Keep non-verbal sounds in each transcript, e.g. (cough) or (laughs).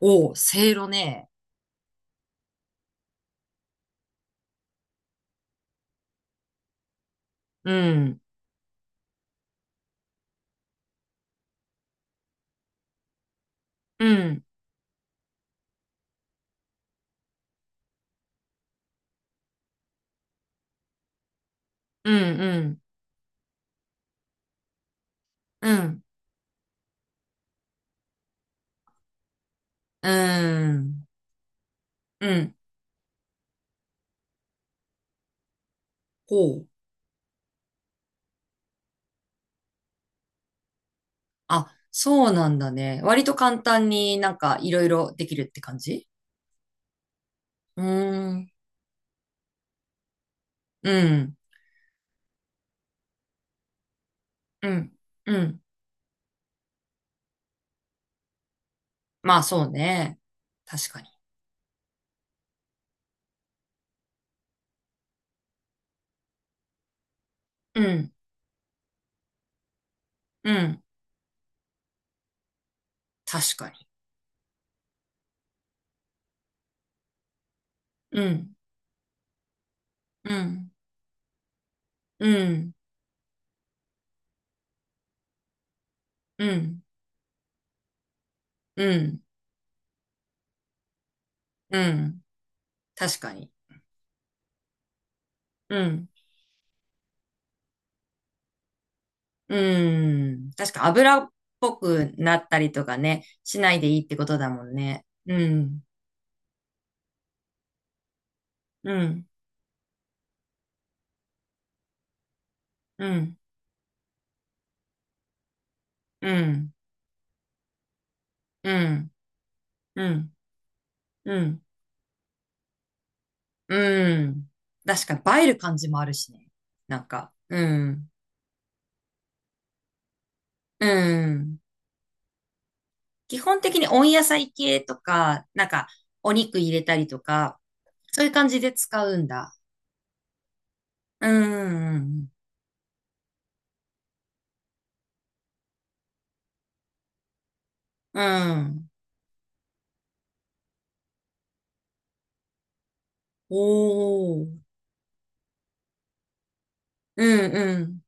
おう、せいろね。うん、うん、うん、うん、うん、うん、うん。ほう。あ、そうなんだね。割と簡単になんかいろいろできるって感じ。うーん、うん、うん、うん。まあそうね。確かに。うん、うん、確かに。うん、うん、うん、うん、うん、うん。確かに。うん。うん。確か油っぽくなったりとかね、しないでいいってことだもんね。うん。うん。うん。うん。うん。うん。うん。うん。確かに映える感じもあるしね。なんか。うん。うん。基本的に温野菜系とか、なんか、お肉入れたりとか、そういう感じで使うんだ。うん。うんうん。うん。おー。うんうん。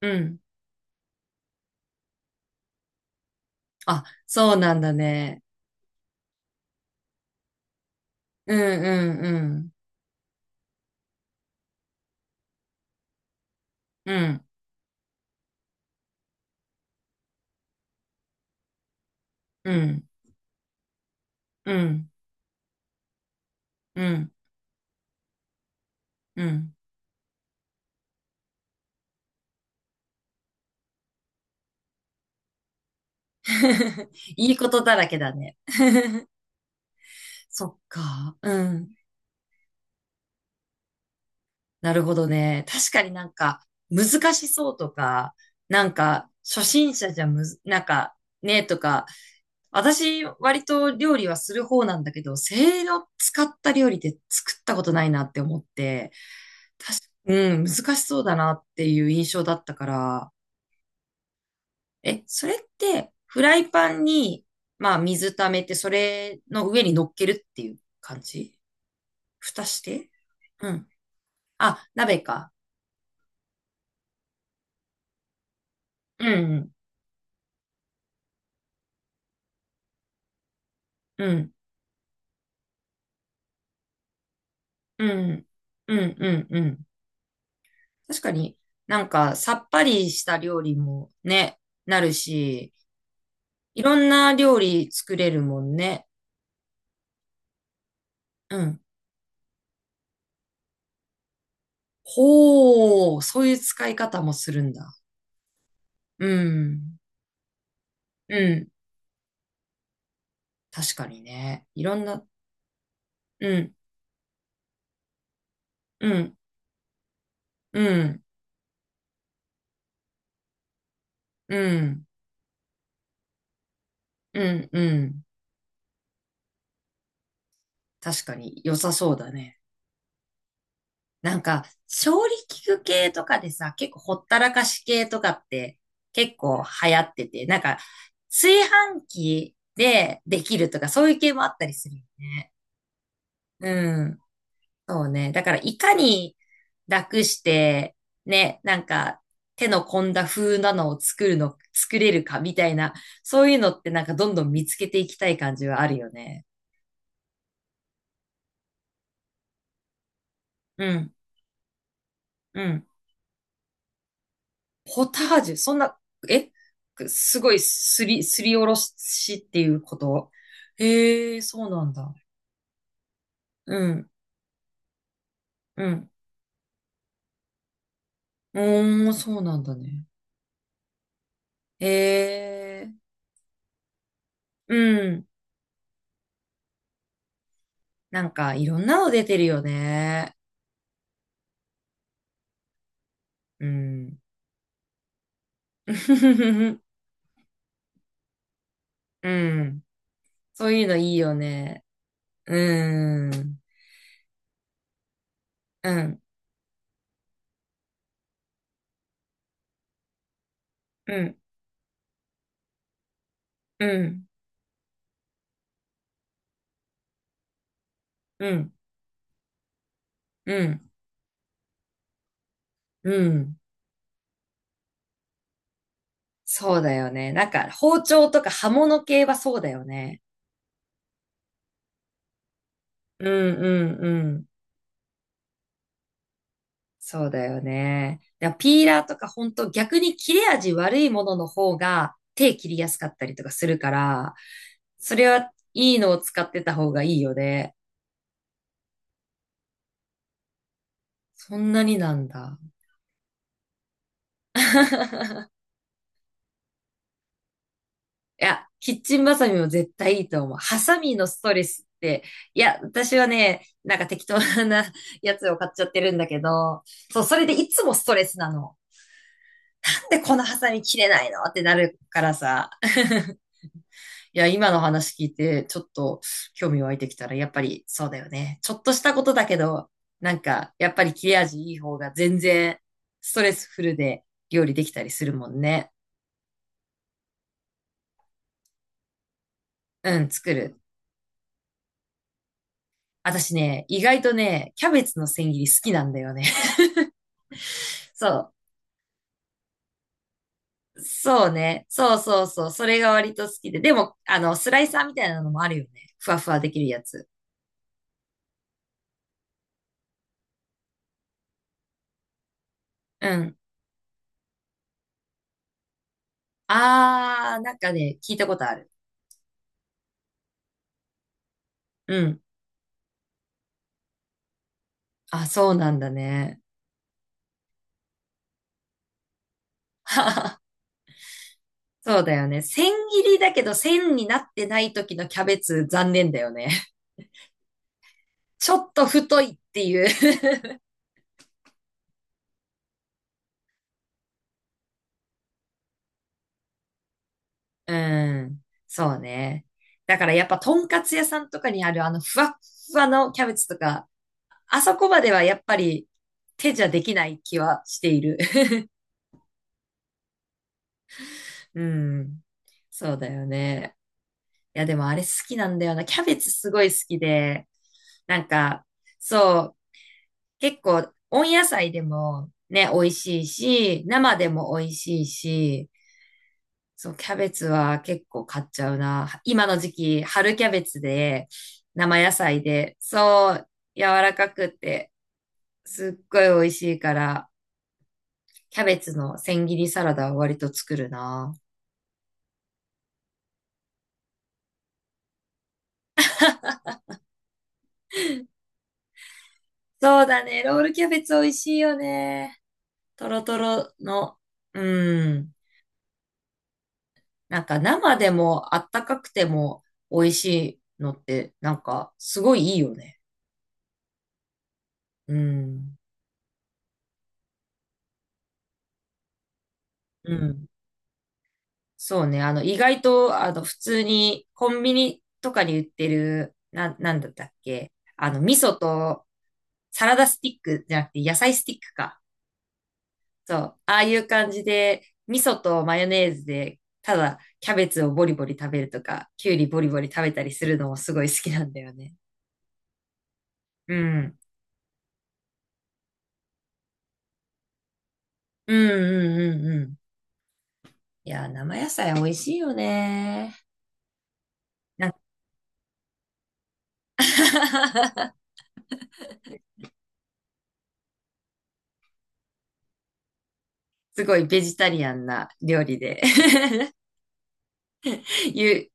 うん。あ、そうなんだね。うんうんうん。うんうんうんうん。うん。 (laughs) いいことだらけだね。(laughs) そっか。うん。なるほどね。確かになんか難しそうとか、なんか初心者じゃむず、なんかねとか、私割と料理はする方なんだけど、せいろ使った料理って作ったことないなって思って、確か、うん、難しそうだなっていう印象だったから、え、それって、フライパンに、まあ、水溜めて、それの上に乗っけるっていう感じ、蓋して。うん。あ、鍋か。うん、うん、うん、うん、うん、うん。確かに、なんか、さっぱりした料理もね、なるし、いろんな料理作れるもんね。うん。ほう、そういう使い方もするんだ。うん、うん。確かにね。いろんな、うん、うん、うん。うん、うん、うん。確かに良さそうだね。なんか、調理器具系とかでさ、結構ほったらかし系とかって結構流行ってて、なんか、炊飯器でできるとかそういう系もあったりする。うん。そうね。だから、いかに楽して、ね、なんか、手の込んだ風なのを作るの、作れるかみたいな、そういうのってなんかどんどん見つけていきたい感じはあるよね。うん、うん。ポタージュ、そんな、え、すごいすりおろしっていうこと。ええー、そうなんだ。うん、うん。おー、そうなんだね。ええー、うん。なんか、いろんなの出てるよね。うん。(laughs) うん。そういうのいいよね。うん。うん。うん。うん。うん。うん。うん。そうだよね。なんか、包丁とか刃物系はそうだよね。うんうんうん。そうだよね。だからピーラーとか本当逆に切れ味悪いものの方が手切りやすかったりとかするから、それはいいのを使ってた方がいいよね。そんなになんだ。(laughs) いや、キッチンバサミも絶対いいと思う。ハサミのストレスって、いや、私はね、なんか適当なやつを買っちゃってるんだけど、そう、それでいつもストレスなの。なんでこのハサミ切れないのってなるからさ。いや、今の話聞いて、ちょっと興味湧いてきたら、やっぱりそうだよね。ちょっとしたことだけど、なんか、やっぱり切れ味いい方が全然ストレスフルで料理できたりするもんね。うん、作る。私ね、意外とね、キャベツの千切り好きなんだよね。(laughs) そう。そうね。そうそうそう。それが割と好きで。でも、あの、スライサーみたいなのもあるよね。ふわふわできるやつ。うん。あー、なんかね、聞いたことある。うん。あ、そうなんだね。そうだよね。千切りだけど千になってない時のキャベツ残念だよね。(laughs) ちょっと太いっていう。 (laughs) うん。そうね。だからやっぱとんかつ屋さんとかにあるあのふわっふわのキャベツとか、あそこまではやっぱり手じゃできない気はしている。(laughs) うん。そうだよね。いやでもあれ好きなんだよな。キャベツすごい好きで。なんか、そう、結構、温野菜でもね、美味しいし、生でも美味しいし、そう、キャベツは結構買っちゃうな。今の時期、春キャベツで、生野菜で、そう、柔らかくって、すっごい美味しいから、キャベツの千切りサラダは割と作るな。そうだね、ロールキャベツ美味しいよね。トロトロの、うん。なんか生でもあったかくても美味しいのってなんかすごいいいよね。うん。うん。そうね。あの意外とあの普通にコンビニとかに売ってる、なんだったっけ。あの味噌と、サラダスティックじゃなくて野菜スティックか。そう。ああいう感じで味噌とマヨネーズでただキャベツをボリボリ食べるとか、キュウリボリボリ食べたりするのもすごい好きなんだよね。うん。うんうんうんうん。いや、生野菜美味しいよね。なん (laughs) かすごいベジタリアンな料理で (laughs) 言う。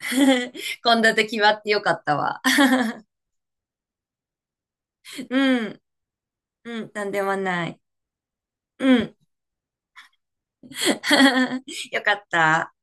(laughs) 献立決まってよかったわ。(laughs) うん、うん、なんでもない。うん。(laughs) よかった。